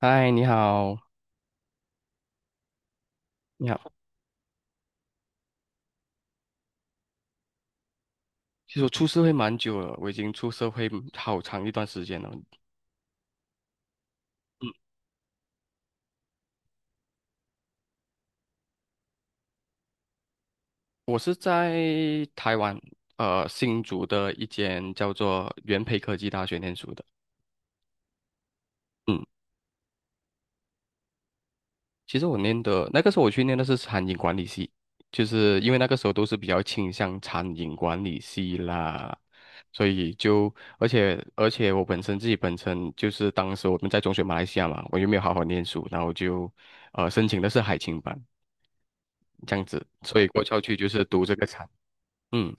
嗨，你好，你好。其实我出社会蛮久了，我已经出社会好长一段时间了。嗯。我是在台湾，新竹的一间叫做元培科技大学念书的。嗯，其实我念的那个时候我去念的是餐饮管理系，就是因为那个时候都是比较倾向餐饮管理系啦，所以就而且我本身自己本身就是当时我们在中学马来西亚嘛，我又没有好好念书，然后就申请的是海青班。这样子，所以过桥去就是读这个产。嗯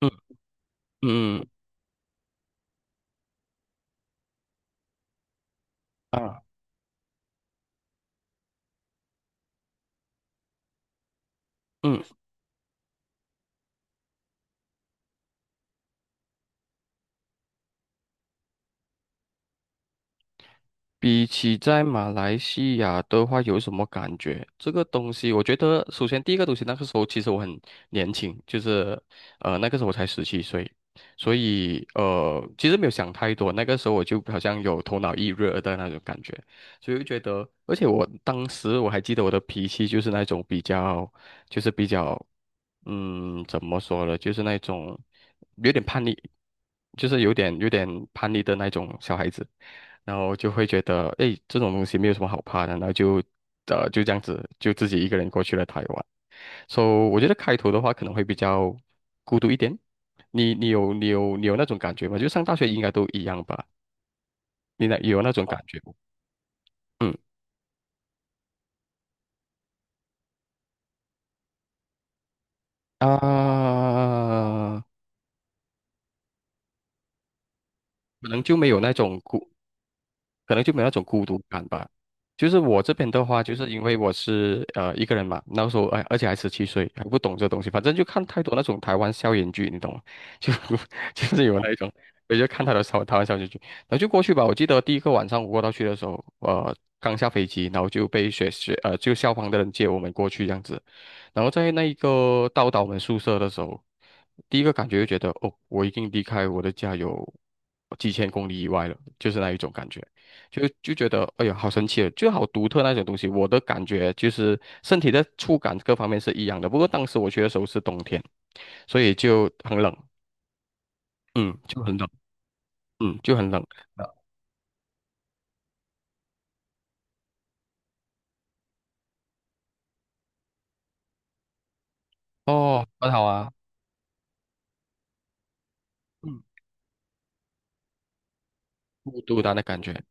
嗯嗯嗯啊嗯。比起在马来西亚的话，有什么感觉？这个东西，我觉得首先第一个东西，那个时候其实我很年轻，就是那个时候我才十七岁，所以其实没有想太多，那个时候我就好像有头脑一热的那种感觉，所以就觉得，而且我当时我还记得我的脾气就是那种比较，就是比较，嗯，怎么说呢，就是那种有点叛逆，就是有点叛逆的那种小孩子。然后就会觉得，哎，这种东西没有什么好怕的，然后就，就这样子，就自己一个人过去了台湾。So，我觉得开头的话可能会比较孤独一点。你有那种感觉吗？就上大学应该都一样吧？你那有那种感觉吗？嗯啊。可能就没有那种孤可能就没有那种孤独感吧。就是我这边的话，就是因为我是一个人嘛，那时候哎，而且还十七岁，还不懂这东西，反正就看太多那种台湾校园剧，你懂吗？就就是有那一种，我就看他的台湾校园剧，然后就过去吧。我记得第一个晚上我过到去的时候，刚下飞机，然后就被学学呃就校方的人接我们过去这样子，然后在那一个到达我们宿舍的时候，第一个感觉就觉得哦，我已经离开我的家有几千公里以外了，就是那一种感觉。就觉得，哎呀，好神奇哦，就好独特那种东西。我的感觉就是身体的触感各方面是一样的，不过当时我去的时候是冬天，所以就很冷。嗯，就很冷。嗯，就很冷。哦，很好啊。嗯，孤独的那感觉。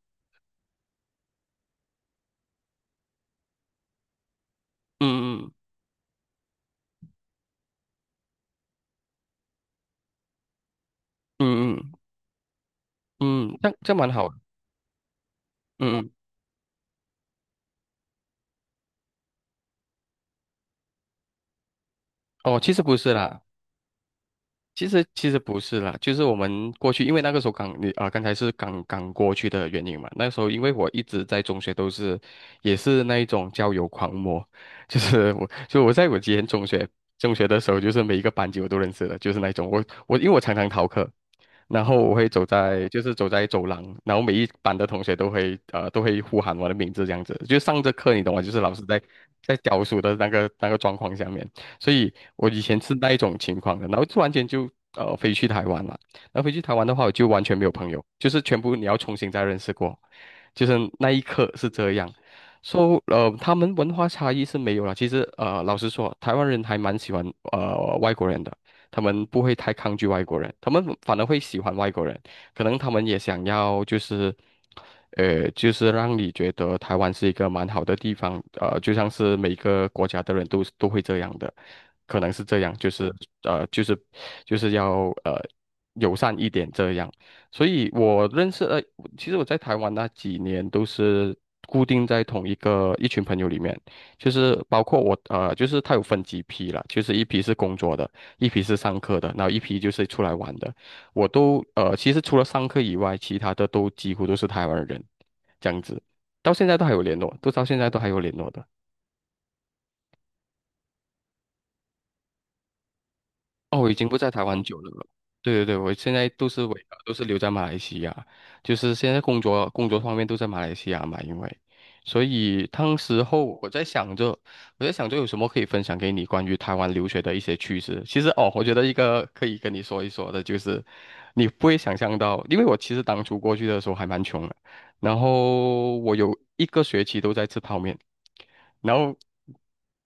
嗯嗯嗯嗯嗯。这样蛮好的。嗯嗯。哦，其实不是啦。其实不是啦，就是我们过去，因为那个时候刚你啊、刚才是刚刚过去的原因嘛。那时候因为我一直在中学都是，也是那一种交友狂魔，就是我，就我在我之前中学的时候，就是每一个班级我都认识的，就是那一种我因为我常常逃课，然后我会走在走廊，然后每一班的同学都会都会呼喊我的名字这样子，就上着课你懂吗？就是老师在教书的那个状况下面。所以我以前是那一种情况的，然后突然间就飞去台湾了。然后飞去台湾的话，我就完全没有朋友，就是全部你要重新再认识过，就是那一刻是这样。So, 他们文化差异是没有了。其实老实说，台湾人还蛮喜欢外国人的，他们不会太抗拒外国人，他们反而会喜欢外国人。可能他们也想要就是。就是让你觉得台湾是一个蛮好的地方，就像是每个国家的人都会这样的，可能是这样，就是呃，就是就是要友善一点这样。所以我认识其实我在台湾那几年都是固定在同一个一群朋友里面，就是包括我就是他有分几批啦，就是一批是工作的，一批是上课的，然后一批就是出来玩的。我都其实除了上课以外，其他的都几乎都是台湾人，这样子，到现在都还有联络，都到现在都还有联络的。哦，我已经不在台湾久了。对对对，我现在都是留在马来西亚，就是现在工作方面都在马来西亚嘛，因为，所以当时候我在想着，有什么可以分享给你关于台湾留学的一些趣事。其实哦，我觉得一个可以跟你说一说的就是，你不会想象到，因为我其实当初过去的时候还蛮穷的。然后我有一个学期都在吃泡面，然后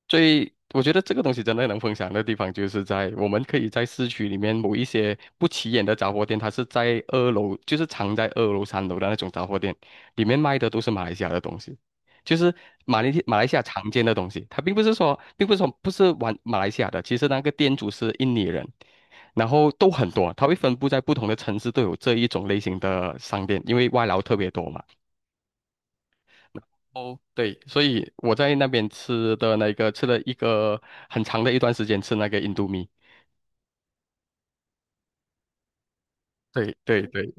我觉得这个东西真的能分享的地方，就是在我们可以在市区里面某一些不起眼的杂货店，它是在二楼，就是藏在二楼、三楼的那种杂货店，里面卖的都是马来西亚的东西，就是马来西亚常见的东西。它并不是说，不是玩马来西亚的，其实那个店主是印尼人，然后都很多，它会分布在不同的城市都有这一种类型的商店，因为外劳特别多嘛。哦，对，所以我在那边吃了一个很长的一段时间，吃那个印度米。对对对，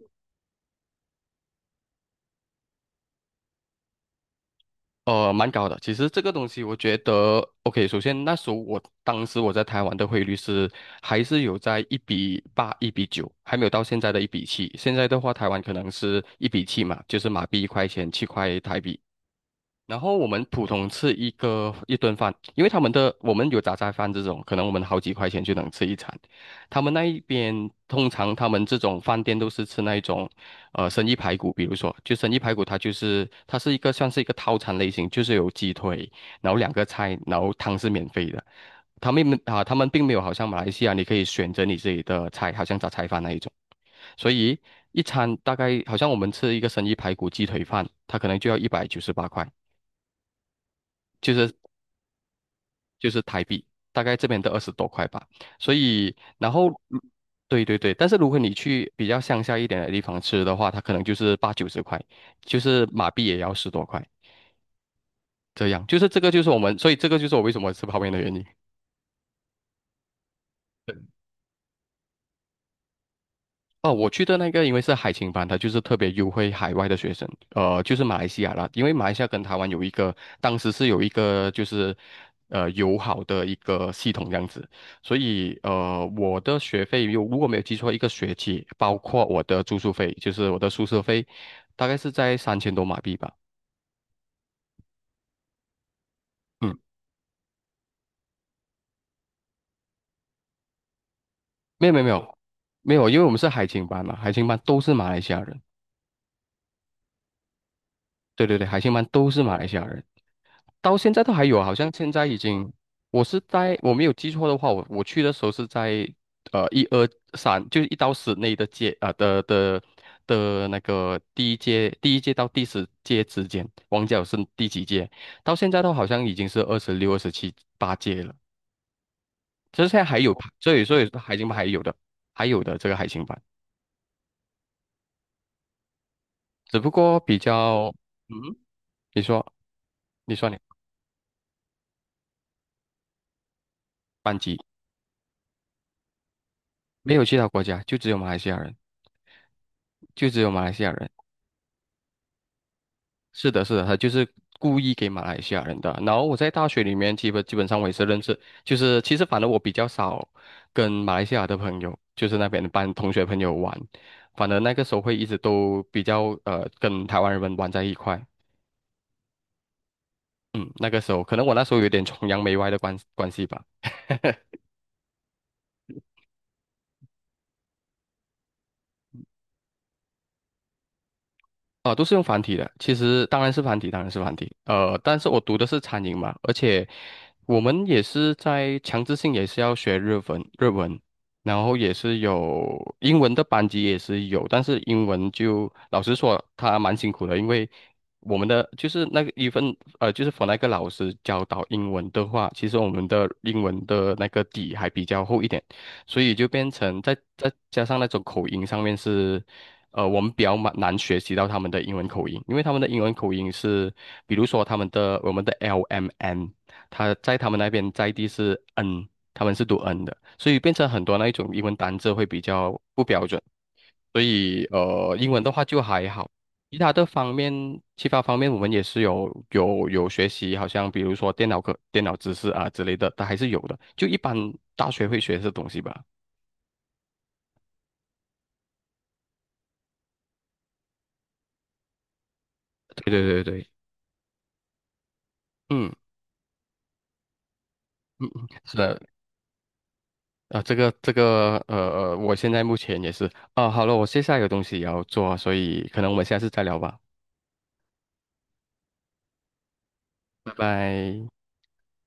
蛮高的。其实这个东西，我觉得，OK，首先那时候我当时我在台湾的汇率是还是有在1:8、1:9，还没有到现在的一比七。现在的话，台湾可能是一比七嘛，就是马币1块钱，7块台币。然后我们普通吃一顿饭，因为他们的我们有杂菜饭这种，可能我们好几块钱就能吃一餐。他们那一边通常他们这种饭店都是吃那一种，生意排骨，比如说就生意排骨，它是算是一个套餐类型，就是有鸡腿，然后2个菜，然后汤是免费的。他们并没有好像马来西亚你可以选择你自己的菜，好像杂菜饭那一种。所以一餐大概好像我们吃一个生意排骨鸡腿饭，它可能就要198块。就是就是台币，大概这边的20多块吧。所以，然后，嗯对对对，但是如果你去比较乡下一点的地方吃的话，它可能就是八九十块，就是马币也要十多块，这样。就是这个就是我们，所以这个就是我为什么吃泡面的原因。哦，我去的那个因为是海青班，它就是特别优惠海外的学生，就是马来西亚啦，因为马来西亚跟台湾有一个，当时是有一个就是友好的一个系统这样子，所以我的学费如果没有记错，一个学期包括我的住宿费，就是我的宿舍费，大概是在3000多马币吧。嗯，没有没有没有没有，因为我们是海青班嘛，海青班都是马来西亚人，对对对，海青班都是马来西亚人。到现在都还有啊好像现在已经，我是在我没有记错的话，我去的时候是在一二三，就是一到十内的届啊、的那个第一届到第10届之间，王角是第几届？到现在都好像已经是二十六、二十七、八届了，这现在还有，所以海星班还有的，还有的这个海星班，只不过比较。嗯，你说你说你没有其他国家，就只有马来西亚人，就只有马来西亚人。是的，是的，他就是故意给马来西亚人的。然后我在大学里面，基本上我也是认识，就是其实反正我比较少跟马来西亚的朋友，就是那边的班同学朋友玩，反而那个时候会一直都比较跟台湾人们玩在一块。嗯，那个时候可能我那时候有点崇洋媚外的关系吧。啊、都是用繁体的。其实当然是繁体，当然是繁体。但是我读的是餐饮嘛，而且我们也是在强制性也是要学日文，然后也是有英文的班级也是有，但是英文就老实说，它蛮辛苦的，因为我们的就是那个一份就是 for 那个老师教导英文的话，其实我们的英文的那个底还比较厚一点，所以就变成再加上那种口音上面是我们比较蛮难学习到他们的英文口音，因为他们的英文口音是，比如说他们的我们的 LMN，他在他们那边在地是 N，他们是读 N 的，所以变成很多那一种英文单字会比较不标准，所以英文的话就还好。其他的方面，其他方面我们也是有学习，好像比如说电脑课、电脑知识啊之类的，它还是有的。就一般大学会学这东西吧。对对对对。嗯嗯，嗯，是的。啊，这个我现在目前也是啊，好了，我现在有东西也要做，所以可能我们下次再聊吧，拜拜。